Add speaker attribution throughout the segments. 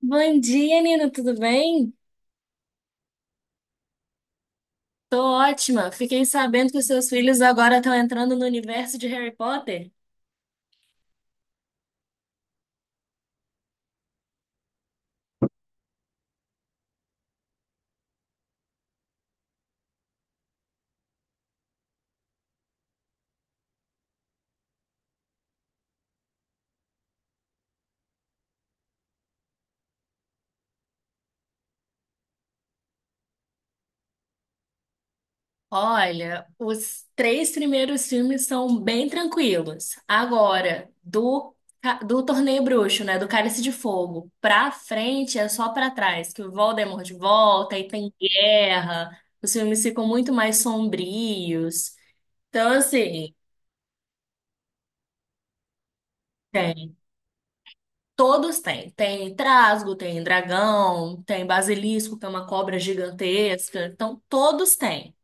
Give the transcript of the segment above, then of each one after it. Speaker 1: Bom dia, Nina, tudo bem? Tô ótima. Fiquei sabendo que os seus filhos agora estão entrando no universo de Harry Potter. Olha, os três primeiros filmes são bem tranquilos. Agora, do Torneio Bruxo, né, do Cálice de Fogo, pra frente é só pra trás, que o Voldemort volta e tem guerra, os filmes ficam muito mais sombrios. Então, assim, é, todos têm. Tem trasgo, tem dragão, tem basilisco, que é uma cobra gigantesca. Então, todos têm.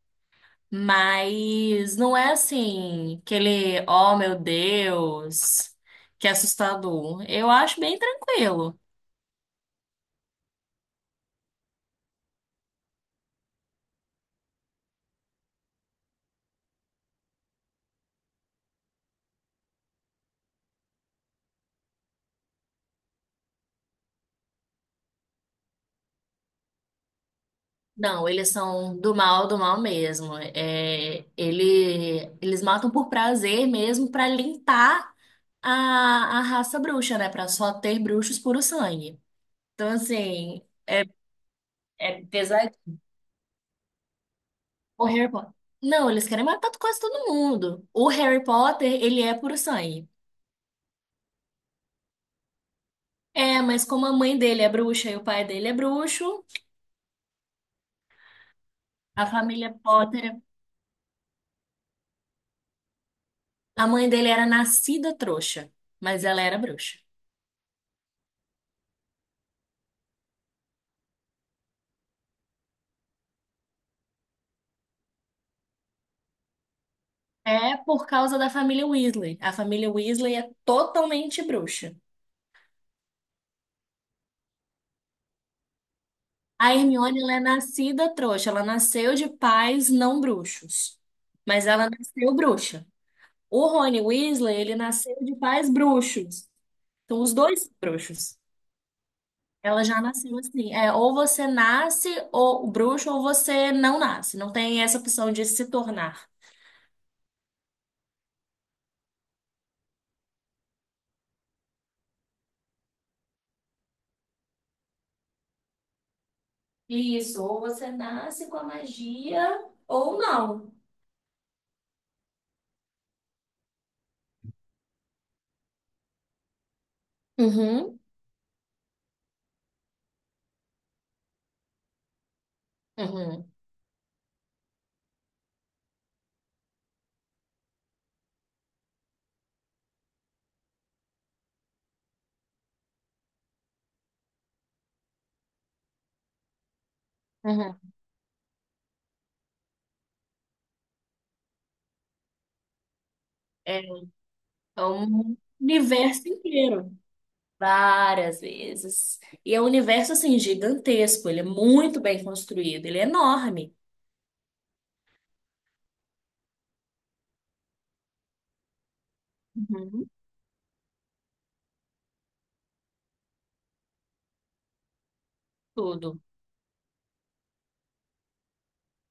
Speaker 1: Mas não é assim, aquele, oh meu Deus, que assustador. Eu acho bem tranquilo. Não, eles são do mal mesmo. É, eles matam por prazer mesmo para limpar a raça bruxa, né? Para só ter bruxos puro sangue. Então, assim, é pesadinho. O Harry Potter. Não, eles querem matar quase todo mundo. O Harry Potter, ele é puro sangue. É, mas como a mãe dele é bruxa e o pai dele é bruxo, a família Potter, a mãe dele era nascida trouxa, mas ela era bruxa. É por causa da família Weasley. A família Weasley é totalmente bruxa. A Hermione, ela é nascida trouxa. Ela nasceu de pais não bruxos, mas ela nasceu bruxa. O Rony Weasley, ele nasceu de pais bruxos. Então, os dois são bruxos. Ela já nasceu assim. É, ou você nasce ou o bruxo ou você não nasce. Não tem essa opção de se tornar. Isso, ou você nasce com a magia ou não. Uhum, uhum, uhum. É é um universo inteiro. Várias vezes. E é um universo assim gigantesco, ele é muito bem construído, ele é enorme. Uhum. Tudo.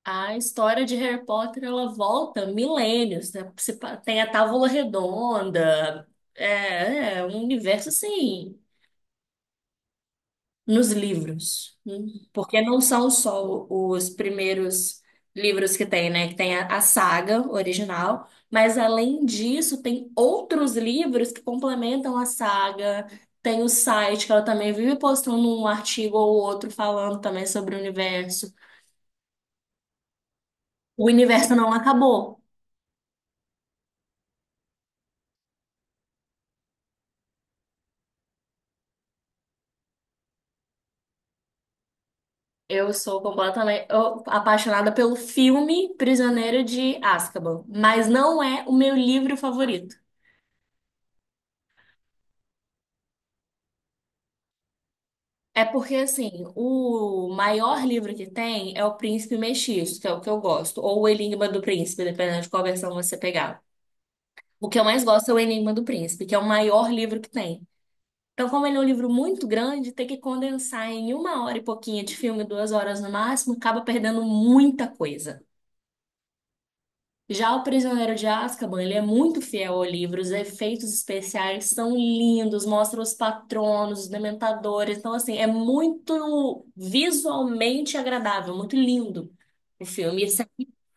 Speaker 1: A história de Harry Potter, ela volta milênios, né? Se pa- Tem a Távola Redonda. É um universo assim, nos livros, né? Porque não são só os primeiros livros que tem, né? Que tem a saga original, mas além disso, tem outros livros que complementam a saga. Tem o site que ela também vive postando um artigo ou outro falando também sobre o universo. O universo não acabou. Eu sou completamente apaixonada pelo filme Prisioneiro de Azkaban, mas não é o meu livro favorito. É porque, assim, o maior livro que tem é O Príncipe Mestiço, que é o que eu gosto, ou O Enigma do Príncipe, dependendo de qual versão você pegar. O que eu mais gosto é O Enigma do Príncipe, que é o maior livro que tem. Então, como ele é um livro muito grande, ter que condensar em 1 hora e pouquinho de filme, 2 horas no máximo, acaba perdendo muita coisa. Já o Prisioneiro de Azkaban, ele é muito fiel ao livro, os efeitos especiais são lindos, mostra os patronos, os dementadores, então assim, é muito visualmente agradável, muito lindo o filme, isso é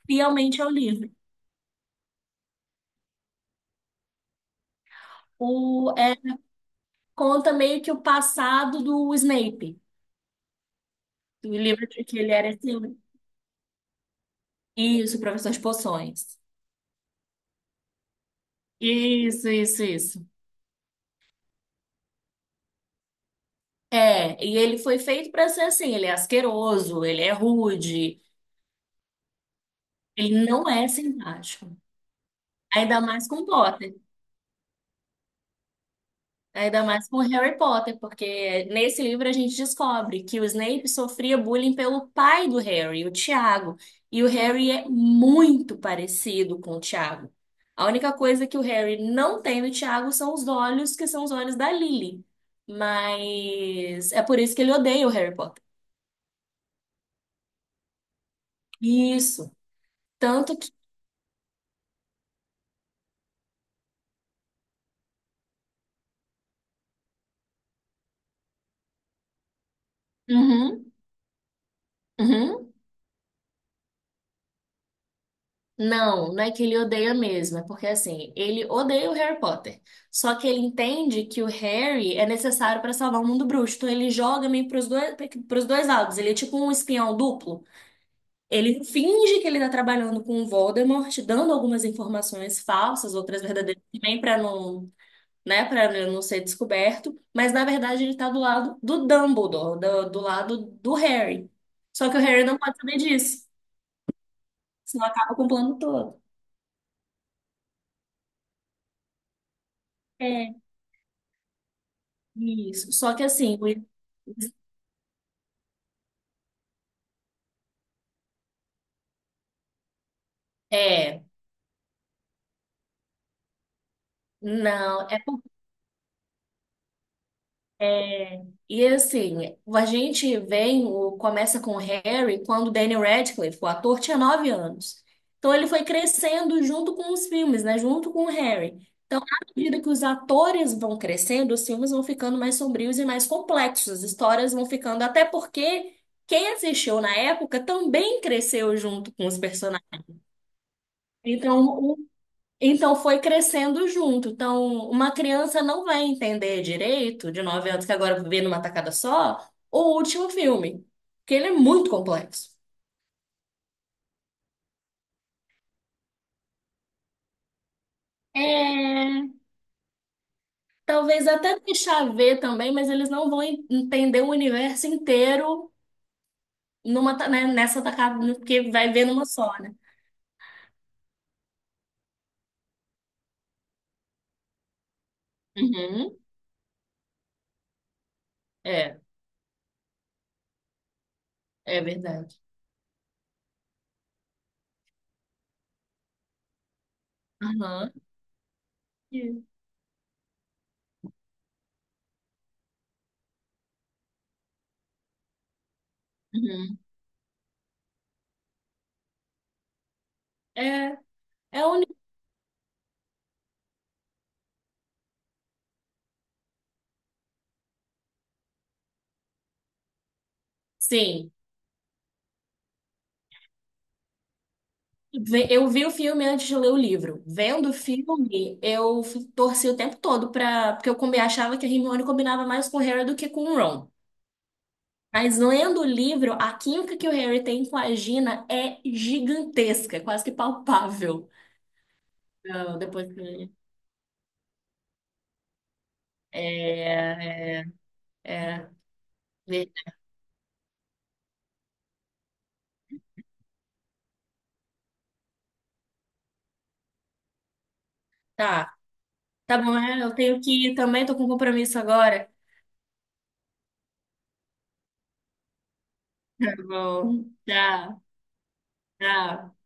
Speaker 1: fielmente ao livro. O, é, Conta meio que o passado do Snape, do livro de que ele era esse, isso, professor de poções. Isso, isso, isso. É, e ele foi feito para ser assim, ele é asqueroso, ele é rude. Ele não é simpático. Ainda mais com Potter. Ainda mais com Harry Potter, porque nesse livro a gente descobre que o Snape sofria bullying pelo pai do Harry, o Tiago. E o Harry é muito parecido com o Tiago. A única coisa que o Harry não tem do Tiago são os olhos, que são os olhos da Lily. Mas é por isso que ele odeia o Harry Potter. Isso. Tanto que. Uhum, uhum. Não, não é que ele odeia mesmo, é porque assim, ele odeia o Harry Potter. Só que ele entende que o Harry é necessário para salvar o mundo bruxo. Então ele joga meio pros dois lados. Ele é tipo um espião duplo. Ele finge que ele tá trabalhando com o Voldemort, dando algumas informações falsas, outras verdadeiras também para não, né, para não ser descoberto, mas na verdade ele tá do lado do Dumbledore, do lado do Harry. Só que o Harry não pode saber disso, senão acaba com o plano todo. É. Isso. Só que assim, é, não, é, é. E assim, a gente vem, o, começa com o Harry quando o Daniel Radcliffe, o ator, tinha 9 anos. Então ele foi crescendo junto com os filmes, né? Junto com o Harry. Então, à medida que os atores vão crescendo, os filmes vão ficando mais sombrios e mais complexos, as histórias vão ficando, até porque quem assistiu na época também cresceu junto com os personagens. Então, Então foi crescendo junto. Então, uma criança não vai entender direito, de 9 anos, que agora vê numa tacada só, o último filme, porque ele é muito complexo. É, talvez até deixar ver também, mas eles não vão entender o universo inteiro né, nessa tacada, porque vai ver numa só, né? Uhum. É, é verdade. Aham. Uhum. É, é o único. Sim. Eu vi o filme antes de ler o livro. Vendo o filme, eu torci o tempo todo pra. Porque eu achava que a Hermione combinava mais com o Harry do que com o Ron. Mas lendo o livro, a química que o Harry tem com a Gina é gigantesca, é quase que palpável. Não, é, é, é. Ver- tá, tá bom, é, eu tenho que ir também, tô com um compromisso agora. Tá bom, tá, tá.